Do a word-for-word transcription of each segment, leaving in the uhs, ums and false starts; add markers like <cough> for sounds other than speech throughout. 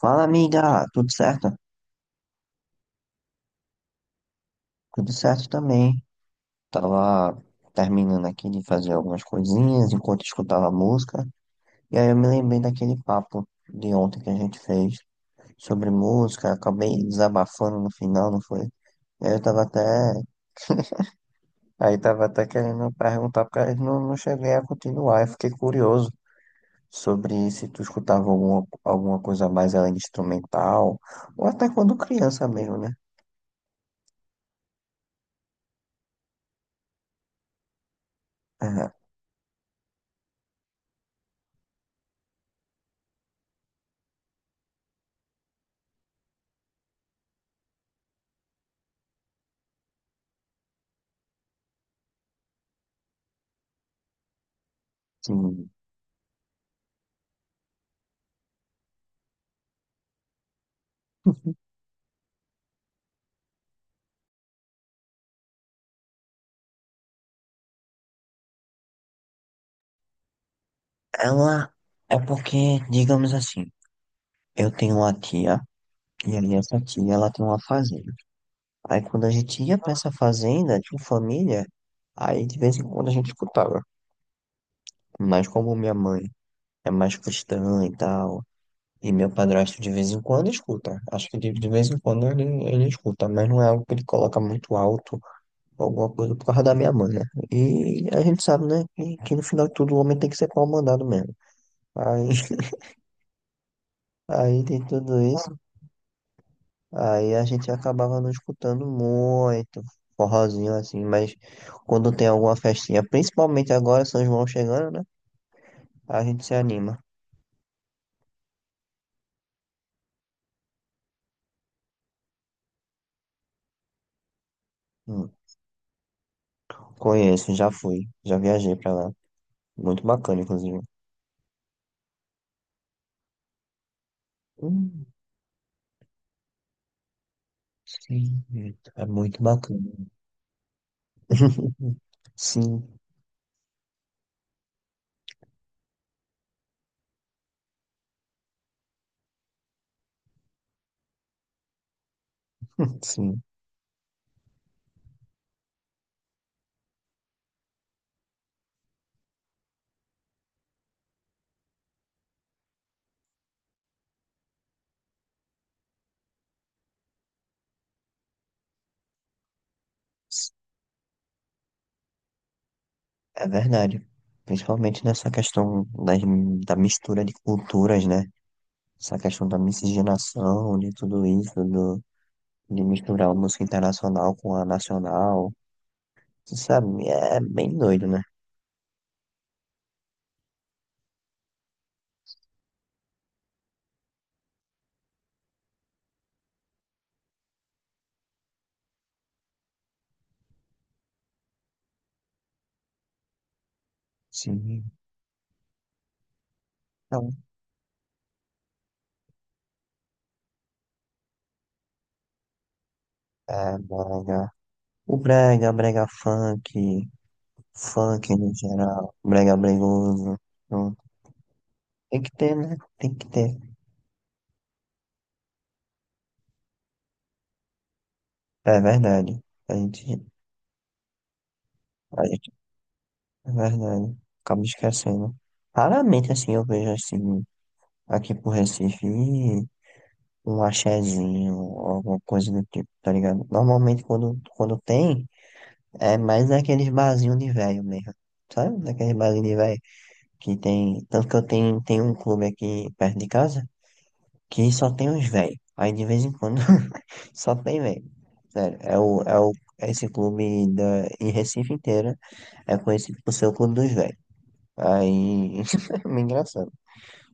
Fala, amiga, tudo certo? Tudo certo também. Tava terminando aqui de fazer algumas coisinhas enquanto escutava música, e aí eu me lembrei daquele papo de ontem que a gente fez sobre música, acabei desabafando no final, não foi? E aí eu tava até, aí tava até querendo perguntar, porque eu não, não cheguei a continuar, eu fiquei curioso sobre se tu escutava alguma, alguma coisa mais além de instrumental, ou até quando criança mesmo, né? <laughs> Aham. Sim. Ela É porque, digamos assim, eu tenho uma tia, e aí essa tia ela tem uma fazenda. Aí quando a gente ia pra essa fazenda, tinha família, aí de vez em quando a gente escutava. Mas como minha mãe é mais cristã e tal, e meu padrasto de vez em quando escuta. Acho que de, de vez em quando ele, ele escuta, mas não é algo que ele coloca muito alto, ou alguma coisa por causa da minha mãe, né? E a gente sabe, né, que, que no final de tudo o homem tem que ser pau mandado mesmo. Aí, <laughs> aí tem tudo isso. Aí a gente acabava não escutando muito forrozinho assim, mas quando tem alguma festinha, principalmente agora São João chegando, né? A gente se anima. Hum, conheço, já fui, já viajei pra lá. Muito bacana, inclusive. Hum, sim, é muito bacana. <laughs> Sim, sim, é verdade. Principalmente nessa questão das, da mistura de culturas, né? Essa questão da miscigenação, de tudo isso, de misturar o música internacional com a nacional. Tu sabe, é bem doido, né? Sim. Então, é brega. O brega, brega funk, funk no geral, brega bregoso. Então, tem que ter, né? Tem que ter. É verdade. A gente, a gente, é verdade. Acabo esquecendo. Raramente, assim, eu vejo, assim, aqui pro Recife, um axezinho, alguma coisa do tipo, tá ligado? Normalmente, quando, quando tem. É mais naqueles barzinhos de velho mesmo. Sabe? Naqueles barzinhos de velho que tem. Tanto que eu tenho, tenho um clube aqui perto de casa que só tem uns velhos. Aí de vez em quando <laughs> só tem velho. Sério, é o, é o, esse clube da, em Recife inteira é conhecido por ser o clube dos velhos. Aí <laughs> é meio engraçado.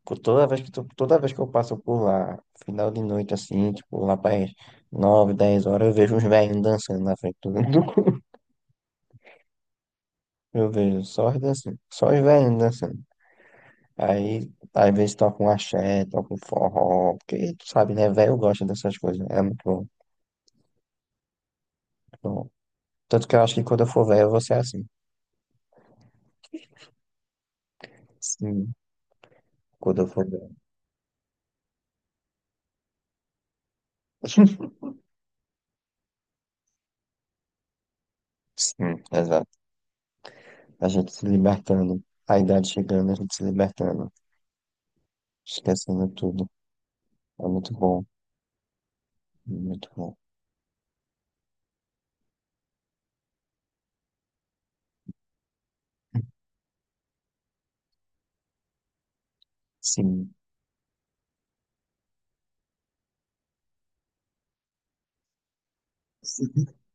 Por toda vez que, tu- toda vez que eu passo por lá, final de noite assim, tipo lá para as nove, dez horas, eu vejo uns velhinhos dançando na frente do. <laughs> do- Eu vejo só os dançando, só os velhinhos dançando. Aí, às vezes toca um axé, toca um forró, porque tu sabe, né? Velho gosta dessas coisas, né, é muito bom. Muito bom. Tanto que eu acho que quando eu for velho, eu vou ser assim. Sim, quando eu for velho. <laughs> Sim, exato. A gente se libertando, a idade chegando, a gente se libertando, esquecendo tudo. É muito bom, muito bom. Sim. <laughs>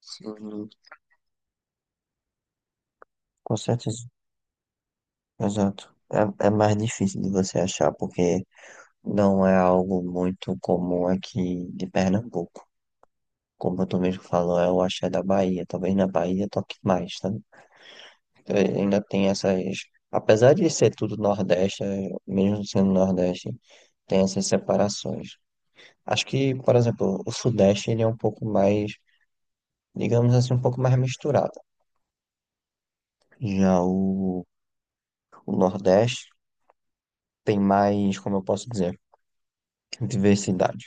Sim, com certeza, exato. É, é mais difícil de você achar, porque não é algo muito comum aqui de Pernambuco. Como tu mesmo falou, é o axé da Bahia. Talvez na Bahia toque mais, sabe? Então, ainda tem essas. Apesar de ser tudo Nordeste, eh, mesmo sendo Nordeste, tem essas separações. Acho que, por exemplo, o Sudeste ele é um pouco mais, digamos assim, um pouco mais misturado. Já o, o Nordeste tem mais, como eu posso dizer, diversidade,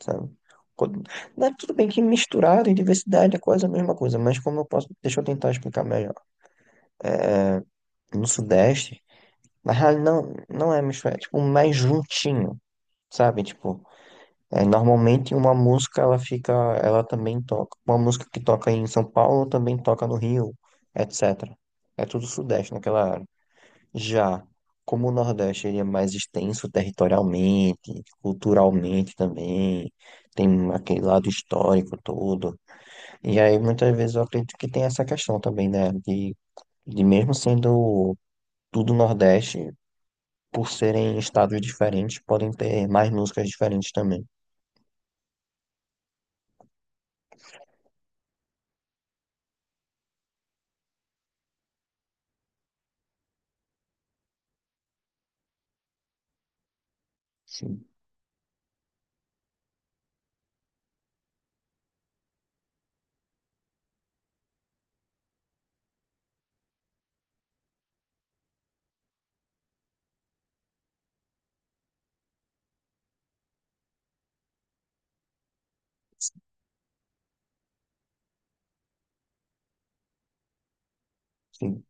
sabe? Quando- né, tudo bem que misturado e diversidade é quase a mesma coisa, mas como eu posso, deixa eu tentar explicar melhor. No Sudeste, na real, não, não é misturado, é tipo mais juntinho, sabe? Tipo, é, normalmente uma música ela fica, ela também toca. Uma música que toca em São Paulo também toca no Rio, etcétera. É tudo Sudeste naquela área. Já como o Nordeste ele é mais extenso territorialmente, culturalmente também, tem aquele lado histórico todo. E aí muitas vezes eu acredito que tem essa questão também, né? De, de mesmo sendo tudo Nordeste, por serem estados diferentes, podem ter mais músicas diferentes também. Sim, sim,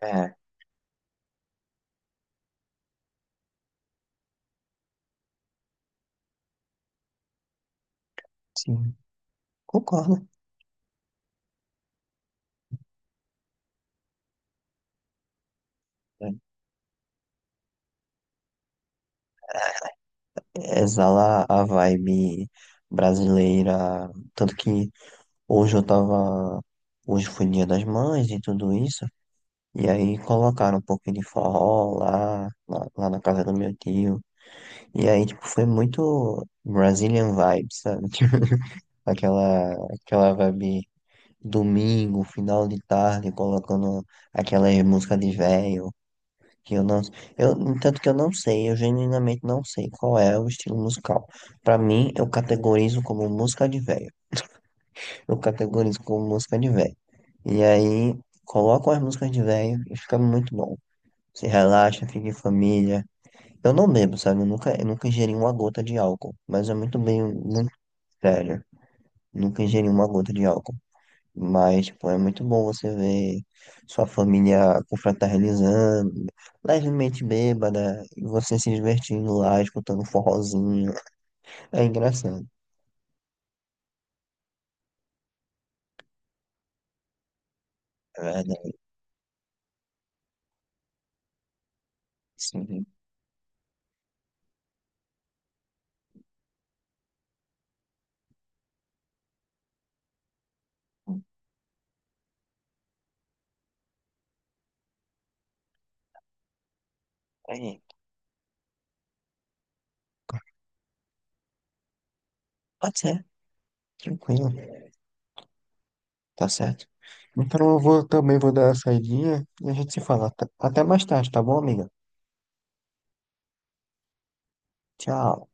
é, sim, concordo. É, exala a vibe brasileira, tanto que hoje eu tava, hoje foi Dia das Mães e tudo isso, e aí colocaram um pouquinho de forró lá, lá, lá na casa do meu tio, e aí, tipo, foi muito Brazilian vibes, sabe? <laughs> Aquela, aquela vibe domingo, final de tarde, colocando aquelas músicas de velho que eu não, eu, tanto que eu não sei, eu genuinamente não sei qual é o estilo musical. Pra mim, eu categorizo como música de velho. Eu categorizo como música de velho. E aí, coloco as músicas de velho e fica muito bom. Se relaxa, fica em família. Eu não bebo, sabe? Eu nunca, eu nunca ingeri uma gota de álcool, mas é muito bem, muito sério. Nunca ingeri uma gota de álcool. Mas, tipo, é muito bom você ver sua família confraternizando, levemente bêbada, e você se divertindo lá, escutando um forrozinho. É engraçado, é verdade. Sim. É, pode ser, tranquilo, tá certo. Então eu vou, também vou dar uma saidinha e a gente se fala. Até até mais tarde, tá bom, amiga? Tchau.